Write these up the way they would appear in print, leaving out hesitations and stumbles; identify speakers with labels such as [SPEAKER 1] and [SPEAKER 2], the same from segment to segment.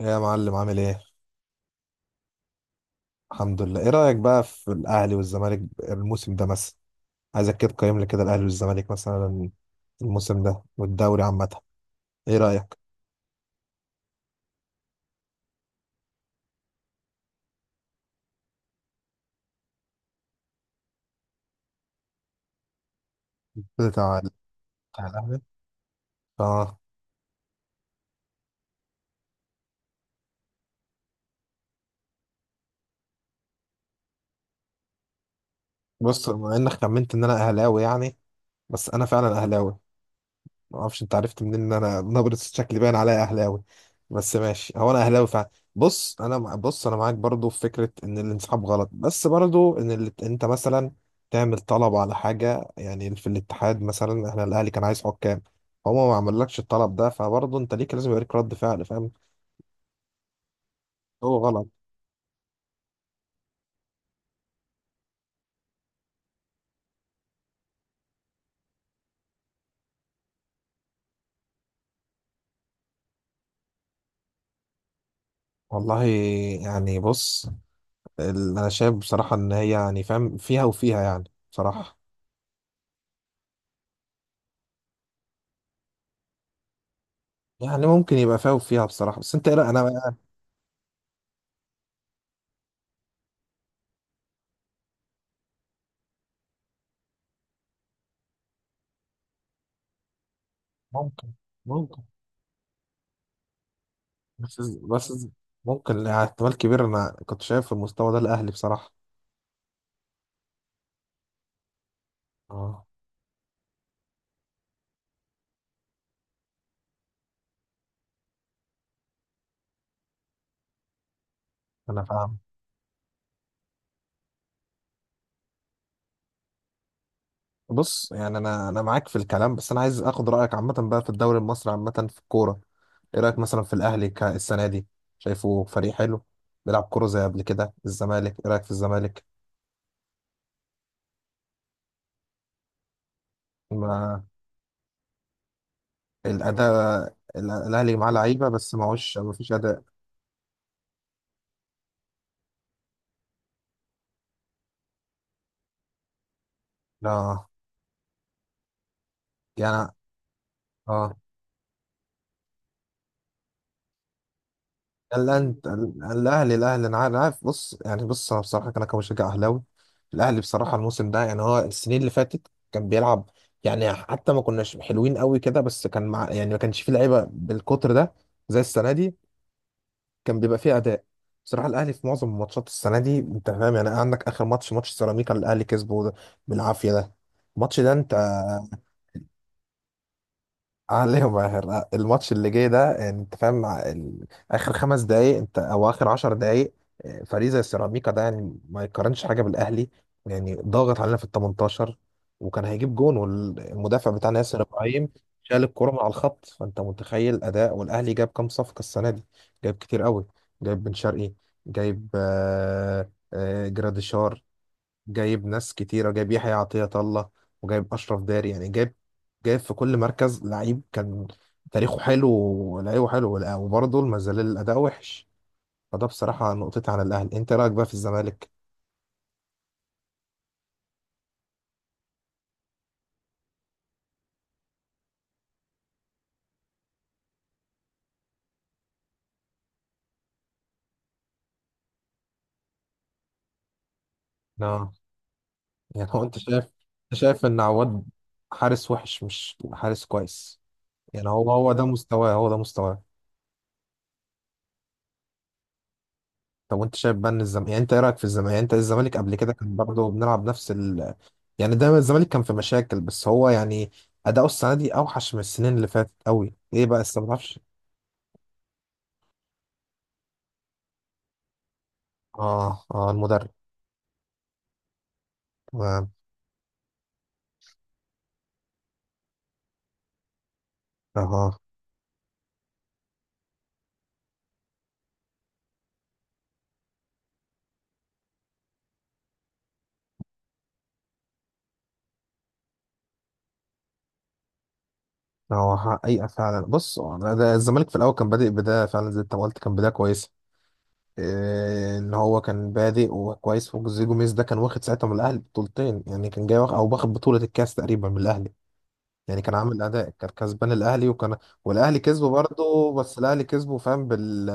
[SPEAKER 1] يا معلم، عامل ايه؟ الحمد لله، ايه رأيك بقى في الأهلي والزمالك الموسم ده مثلا؟ عايزك كده تقيم لي كده الأهلي والزمالك مثلا الموسم ده والدوري عامة، ايه رأيك؟ بتاع بتاع الأهلي؟ اه. بص، بما إنك خمنت إن أنا أهلاوي يعني، بس أنا فعلا أهلاوي. ما اعرفش انت عرفت منين ان انا نبرة شكلي باين عليا اهلاوي، بس ماشي، هو انا اهلاوي فعلا. بص، انا معاك برضو في فكرة ان الانسحاب غلط، بس برضو ان انت مثلا تعمل طلب على حاجة، يعني في الاتحاد مثلا احنا الاهلي كان عايز حكام، فهو ما عملكش الطلب ده، فبرضو انت ليك لازم يوريك رد فعل، فاهم. هو غلط. والله يعني، بص، انا شايف بصراحة ان هي يعني فاهم، فيها وفيها يعني، بصراحة. يعني ممكن يبقى فيها وفيها بصراحة، بس انت ايه رأيك؟ انا ممكن ممكن. بس ممكن، احتمال كبير انا كنت شايف في المستوى ده الاهلي بصراحه. اه، انا فاهم. بص يعني انا معاك في الكلام، بس انا عايز اخد رايك عامه بقى في الدوري المصري عامه، في الكوره. ايه رايك مثلا في الاهلي السنه دي؟ شايفه فريق حلو بيلعب كوره زي قبل كده؟ الزمالك، ايه رايك في الزمالك؟ ما الاداء، الاهلي معاه لعيبه بس معهوش، ما فيش اداء. لا، يعني اه. الأنت الأهلي أنا عارف أنا عارف. بص يعني، بص أنا بصراحة أنا كمشجع أهلاوي، الأهلي بصراحة الموسم ده يعني، هو السنين اللي فاتت كان بيلعب، يعني حتى ما كناش حلوين قوي كده، بس كان مع يعني ما كانش فيه لعيبة بالقطر ده زي السنة دي، كان بيبقى فيه أداء. بصراحة الأهلي في معظم ماتشات السنة دي أنت فاهم يعني، عندك آخر ماتش سيراميكا اللي الأهلي كسبه ده بالعافية ده، الماتش ده أنت عليهم، اخر الماتش اللي جاي ده يعني، انت فاهم، اخر 5 دقايق انت او اخر 10 دقايق. فريق زي سيراميكا ده يعني ما يقارنش حاجه بالاهلي، يعني ضاغط علينا في ال 18، وكان هيجيب جون، والمدافع بتاعنا ياسر ابراهيم شال الكرة من على الخط، فانت متخيل الاداء. والاهلي جاب كام صفقه السنه دي؟ جايب كتير قوي، جايب بن شرقي، جايب جراديشار، جايب ناس كتيرة، جايب يحيى عطية الله، وجايب أشرف داري، يعني جايب، جايب في كل مركز لعيب كان تاريخه حلو ولعيبه حلو، وبرضه ما زال الأداء وحش. فده بصراحة نقطتي عن الأهلي. أنت رأيك بقى في الزمالك؟ لا، يعني هو أنت شايف، أنت شايف إن عواد حارس وحش، مش حارس كويس. يعني هو ده مستواه، هو ده مستواه. طب وانت شايف بقى ان الزمالك، يعني انت ايه رايك في الزمالك؟ يعني انت الزمالك قبل كده كان برضه بنلعب نفس ال... يعني دايما الزمالك كان في مشاكل، بس هو يعني اداؤه السنه دي اوحش من السنين اللي فاتت قوي. ايه بقى لسه ما تعرفش؟ اه، اه المدرب. تمام. اه، هو حقيقه فعلا، بص هو ده الزمالك في الاول كان بادئ بدايه فعلا زي ما انت ما قلت، كان بدايه كويسه. إيه ان هو كان بادئ وكويس، وجوزيه جوميز ده كان واخد ساعتها من الاهلي بطولتين، يعني كان جاي واخد او واخد بطوله الكاس تقريبا من الاهلي، يعني كان عامل اداء، كان كسبان الاهلي، وكان، والاهلي كسبه برضه، بس الاهلي كسبه فاهم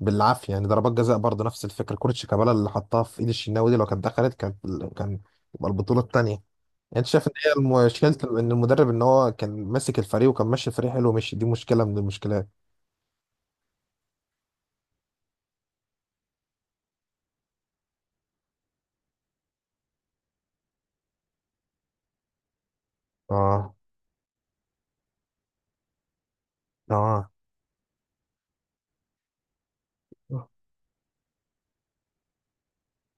[SPEAKER 1] بالعافيه، يعني ضربات جزاء برضه نفس الفكره، كره شيكابالا اللي حطها في ايد الشناوي دي لو كانت دخلت كانت، كان يبقى البطوله الثانيه يعني. انت شايف ان هي مشكله، ان المدرب ان هو كان ماسك الفريق وكان ماشي الفريق حلو ماشي، دي مشكله من المشكلات. اه. اه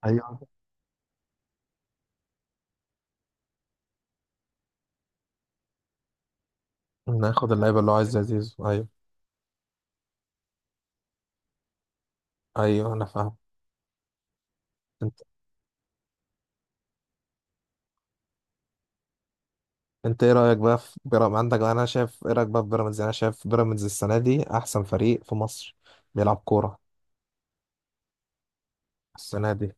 [SPEAKER 1] ايوه، ناخد اللعيبه اللي هو عايز زي زيزو، ايوه. ايوه، انا فاهم. انت ايه رايك بقى في بيراميدز؟ عندك انا شايف، ايه رايك بقى في بيراميدز؟ يعني انا شايف بيراميدز السنه دي احسن فريق في مصر بيلعب كوره السنه دي.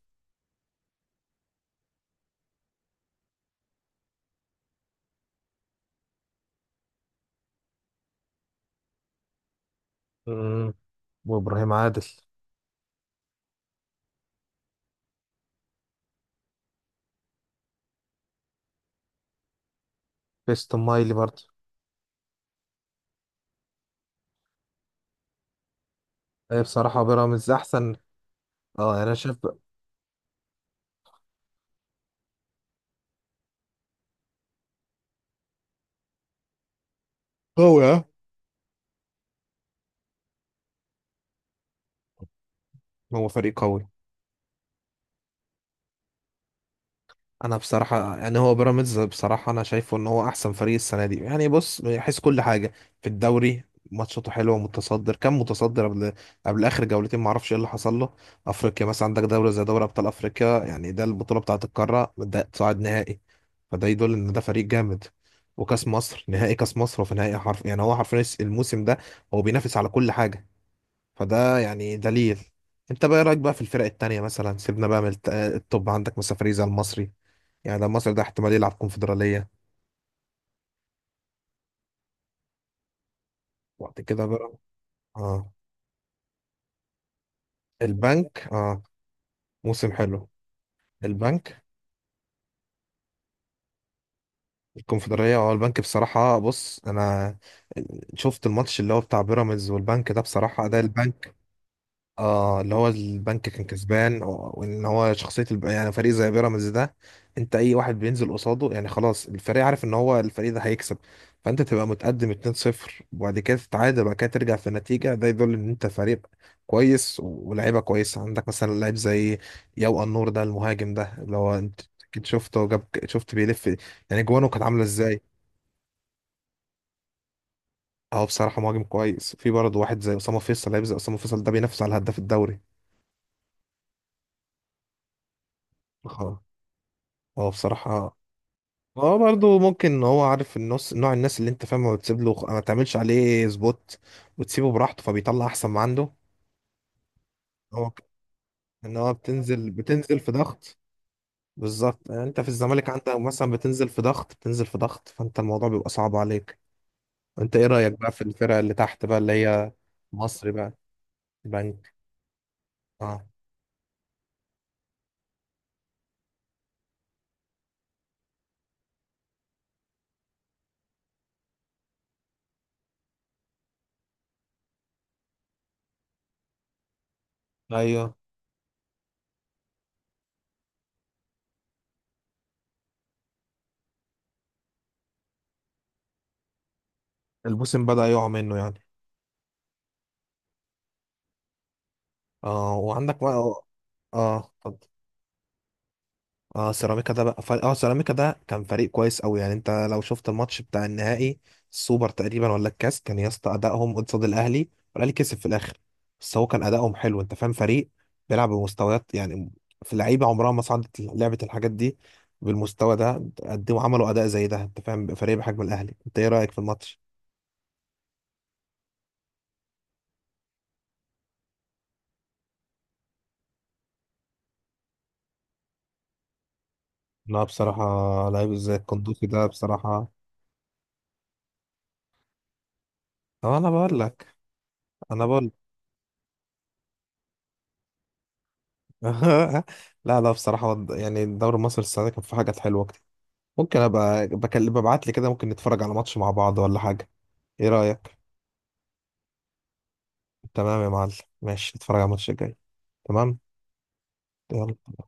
[SPEAKER 1] مم. وابراهيم عادل، فيستون مايلي برضه. ايه، بصراحه بيراميدز احسن. اه انا شايف. قوي ها، هو فريق قوي. انا بصراحه يعني هو بيراميدز بصراحه، انا شايفه ان هو احسن فريق السنه دي يعني، بص من حيث كل حاجه، في الدوري ماتشاته حلوه متصدر، كان متصدر قبل اخر جولتين ما اعرفش ايه اللي حصل له. افريقيا مثلا، عندك دوله زي دوري ابطال افريقيا، يعني ده البطوله بتاعه القاره، ده صاعد نهائي، فده يدل ان ده فريق جامد. وكاس مصر، نهائي كاس مصر، وفي نهائي، حرف يعني هو حرفيا الموسم ده هو بينافس على كل حاجه، فده يعني دليل. انت بقى إيه رايك بقى في الفرق التانية؟ مثلا سيبنا بقى من التوب، عندك مثلا فريق زي المصري، يعني مصر ده احتمال يلعب كونفدرالية. وبعد كده بقى؟ اه، البنك، اه موسم حلو. البنك، الكونفدرالية، اه البنك بصراحة، بص انا شفت الماتش اللي هو بتاع بيراميدز والبنك ده، بصراحة ده البنك، اه اللي هو البنك كان كسبان، وان هو شخصيه يعني فريق زي بيراميدز ده، انت اي واحد بينزل قصاده يعني خلاص، الفريق عارف ان هو الفريق ده هيكسب، فانت تبقى متقدم 2-0 وبعد كده تتعادل وبعد كده ترجع في النتيجه، ده يدل ان انت فريق كويس ولاعيبه كويسه. عندك مثلا لاعب زي يو النور ده، المهاجم ده اللي هو انت اكيد شفته وجاب، شفت بيلف يعني، جوانه كانت عامله ازاي. اه بصراحه مهاجم كويس، في برضه واحد زي اسامه فيصل، لاعب زي اسامه فيصل ده بينافس على هداف الدوري. اه. هو بصراحه، هو برضه ممكن إن هو عارف النص، نوع الناس اللي انت فاهمه وتسيب له ما تعملش عليه سبوت وتسيبه براحته، فبيطلع احسن ما عنده. هو ان هو بتنزل في ضغط. بالظبط، يعني انت في الزمالك عندك مثلا بتنزل في ضغط، بتنزل في ضغط، فانت الموضوع بيبقى صعب عليك. انت ايه رأيك بقى في الفرق اللي تحت بقى؟ اللي هي مصري بقى، البنك. اه. ايوه، البوسم بدأ يقع منه يعني. اه وعندك بقى. اه اتفضل. اه سيراميكا ده بقى فريق، اه سيراميكا ده كان فريق كويس قوي يعني، انت لو شفت الماتش بتاع النهائي، السوبر تقريبا ولا الكاس، كان يا اسطى ادائهم قصاد الاهلي والاهلي كسب في الاخر، بس هو كان ادائهم حلو. انت فاهم فريق بيلعب بمستويات يعني، في لعيبه عمرها ما صعدت لعبه الحاجات دي بالمستوى ده، قدموا عملوا اداء زي ده، انت فاهم فريق بحجم الاهلي. انت ايه رايك في الماتش؟ لا، بصراحه لعيب زي القندوسي ده بصراحه. اه، انا بقول لك. انا بقول. لا لا، بصراحه يعني الدوري المصري السنه دي كان في حاجات حلوه. ممكن ابقى بكلم، ببعت لي كده ممكن نتفرج على ماتش مع بعض، ولا حاجه، ايه رايك؟ تمام يا معلم. ماشي، نتفرج على الماتش الجاي. تمام. يلا.